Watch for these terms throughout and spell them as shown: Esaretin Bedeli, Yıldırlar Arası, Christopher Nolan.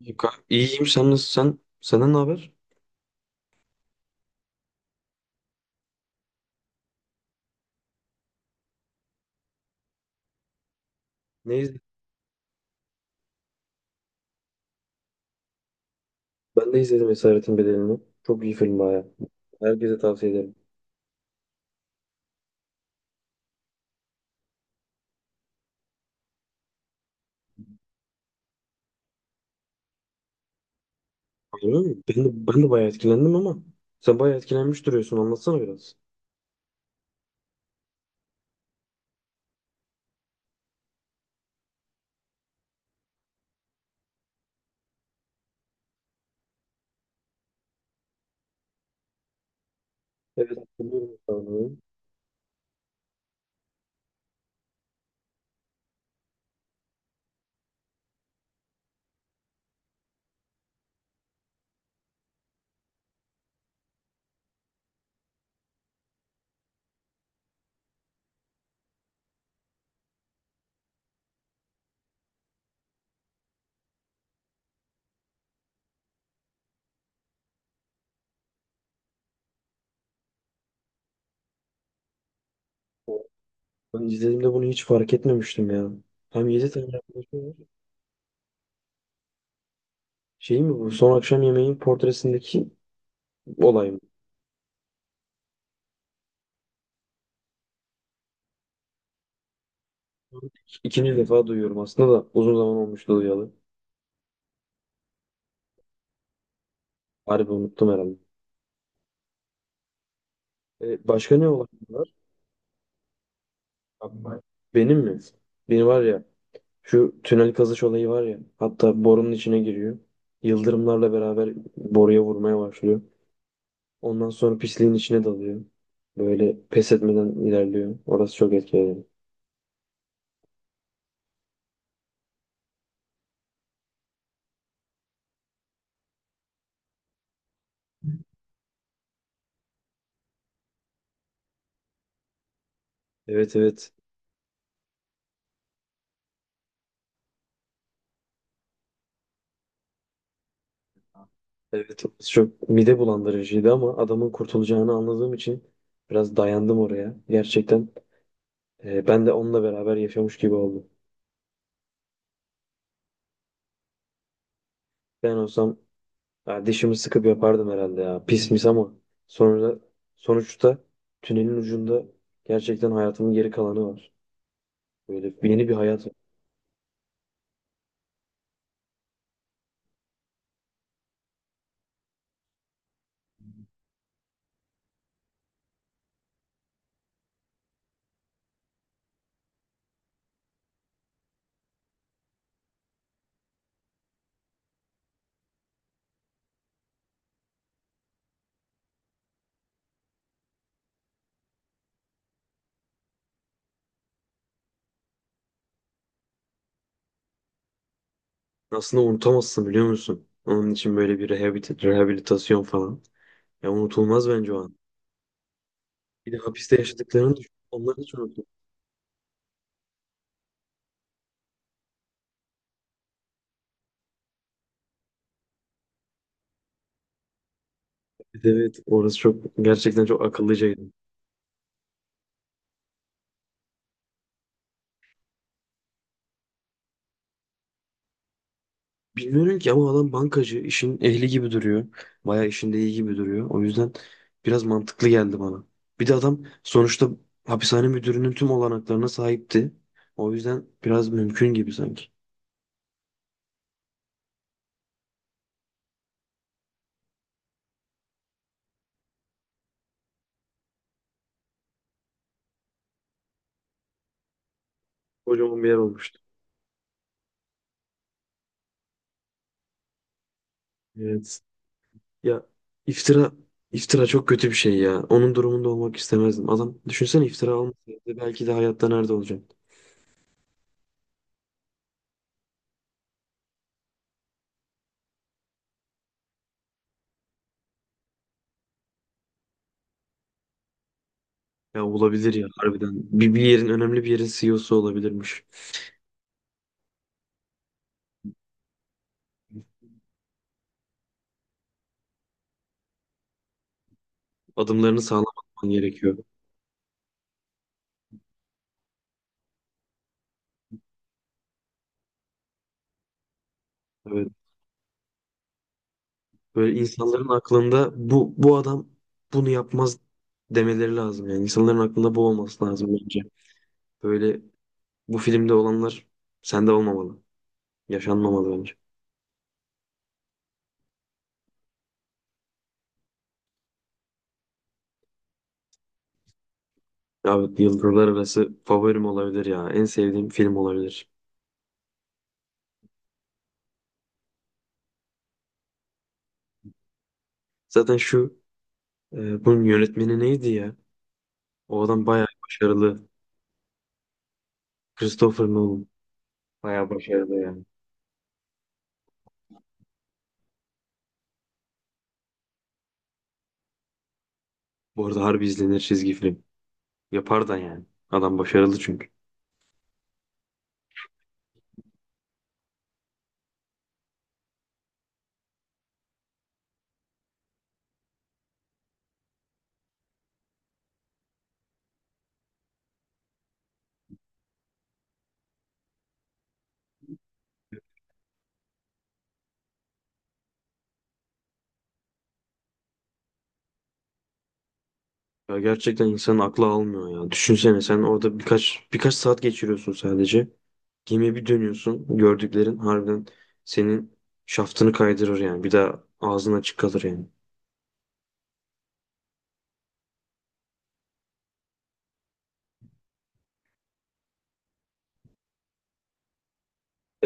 İyi kanka. İyiyim, sen nasıl sen? Senden ne haber? Ne izledin? Ben de izledim Esaretin Bedeli'ni. Çok iyi film baya. Herkese tavsiye ederim. Öyle mi? Ben de bayağı etkilendim ama sen bayağı etkilenmiş duruyorsun, anlatsana biraz. Evet, hatırlıyorum sanırım. Ben izlediğimde bunu hiç fark etmemiştim ya. Hem 7 tane arkadaşı var. Şey mi bu? Son akşam yemeğin portresindeki olay mı? İkinci defa duyuyorum aslında da uzun zaman olmuştu duyalı. Harbi unuttum herhalde. Başka ne olaylar var? Benim mi? Benim var ya, şu tünel kazış olayı var ya. Hatta borunun içine giriyor. Yıldırımlarla beraber boruya vurmaya başlıyor. Ondan sonra pisliğin içine dalıyor. Böyle pes etmeden ilerliyor. Orası çok etkileyici. Evet, evet. Evet, orası çok mide bulandırıcıydı ama adamın kurtulacağını anladığım için biraz dayandım oraya. Gerçekten ben de onunla beraber yaşamış gibi oldum. Ben olsam, ya dişimi sıkıp yapardım herhalde ya. Pis mis ama sonra, sonuçta tünelin ucunda gerçekten hayatımın geri kalanı var. Böyle yeni bir hayat var. Aslında unutamazsın, biliyor musun? Onun için böyle bir rehabilitasyon falan. Ya unutulmaz bence o an. Bir de hapiste yaşadıklarını düşün. Onlar hiç unutma. Evet, evet, orası çok, gerçekten çok akıllıcaydı. Bilmiyorum ki ama adam bankacı. İşin ehli gibi duruyor. Bayağı işinde iyi gibi duruyor. O yüzden biraz mantıklı geldi bana. Bir de adam sonuçta hapishane müdürünün tüm olanaklarına sahipti. O yüzden biraz mümkün gibi sanki. Kocaman bir yer olmuştu. Evet. Ya, iftira iftira çok kötü bir şey ya. Onun durumunda olmak istemezdim. Adam, düşünsene, iftira almasaydı belki de hayatta nerede olacaktı? Ya olabilir ya, harbiden. Bir yerin önemli bir yerin CEO'su olabilirmiş. Adımlarını sağlam atman gerekiyor. Evet. Böyle insanların aklında bu adam bunu yapmaz demeleri lazım. Yani insanların aklında bu olması lazım bence. Böyle bu filmde olanlar sende olmamalı. Yaşanmamalı bence. Abi Yıldırlar Arası favorim olabilir ya. En sevdiğim film olabilir. Zaten şu, bunun yönetmeni neydi ya? O adam bayağı başarılı. Christopher Nolan. Bayağı başarılı yani. Bu arada harbi izlenir çizgi film. Yapar da yani. Adam başarılı çünkü. Ya gerçekten insanın aklı almıyor ya. Düşünsene, sen orada birkaç saat geçiriyorsun sadece. Gemiye bir dönüyorsun. Gördüklerin harbiden senin şaftını kaydırır yani. Bir daha ağzın açık kalır yani.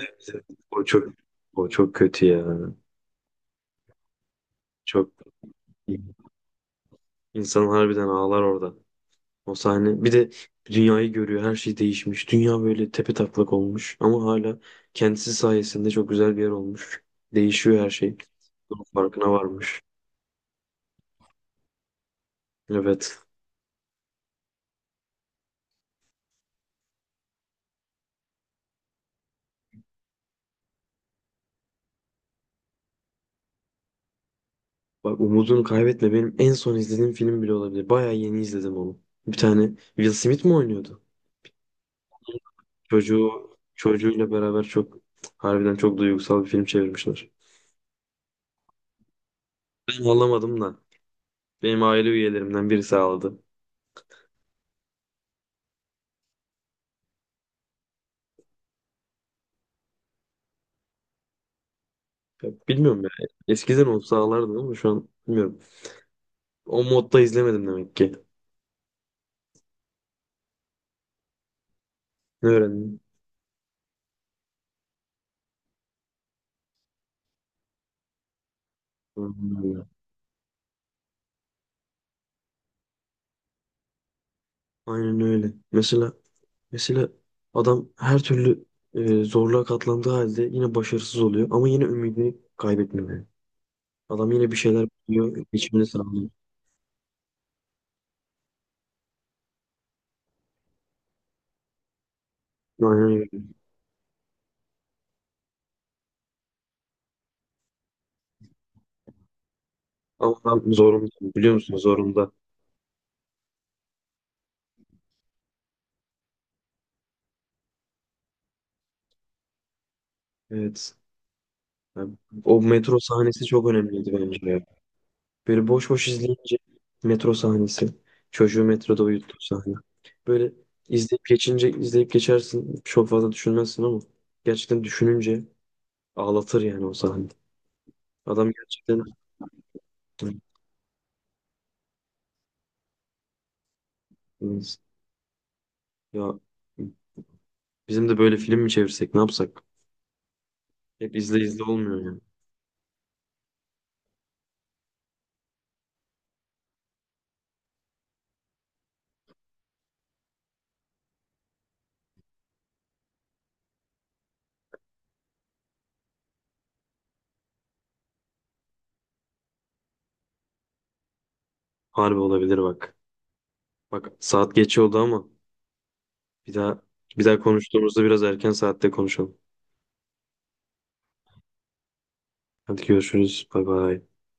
Evet, o çok, o çok kötü ya. Çok, insan harbiden ağlar orada. O sahne. Bir de dünyayı görüyor. Her şey değişmiş. Dünya böyle tepe taklak olmuş ama hala kendisi sayesinde çok güzel bir yer olmuş. Değişiyor her şey. Bunun farkına varmış. Evet. Bak, umudunu kaybetme benim en son izlediğim film bile olabilir. Bayağı yeni izledim onu. Bir tane Will Smith mi oynuyordu? Çocuğu çocuğuyla beraber çok, harbiden çok duygusal bir film çevirmişler. Ben ağlamadım da benim aile üyelerimden birisi ağladı. Ya bilmiyorum ya. Eskiden olsa ağlardım ama şu an bilmiyorum. O modda izlemedim demek ki. Ne öğrendim? Aynen öyle. Aynen öyle. Mesela adam her türlü zorluğa katlandığı halde yine başarısız oluyor ama yine ümidini kaybetmiyor, yani. Adam yine bir şeyler biliyor, geçimini sağlıyor. Aynen öyle. Ama adam zorunda, biliyor musun? Zorunda. Evet. Yani o metro sahnesi çok önemliydi bence ya. Böyle boş boş izleyince, metro sahnesi. Çocuğu metroda uyuttuğu sahne. Böyle izleyip geçince, izleyip geçersin. Çok fazla düşünmezsin ama gerçekten düşününce ağlatır yani o sahne. Adam gerçekten ya, bizim de böyle film mi çevirsek, ne yapsak? Hep izle izle olmuyor yani. Harbi olabilir bak. Bak, saat geç oldu ama bir daha bir daha konuştuğumuzda biraz erken saatte konuşalım. Hadi görüşürüz. Bay bay.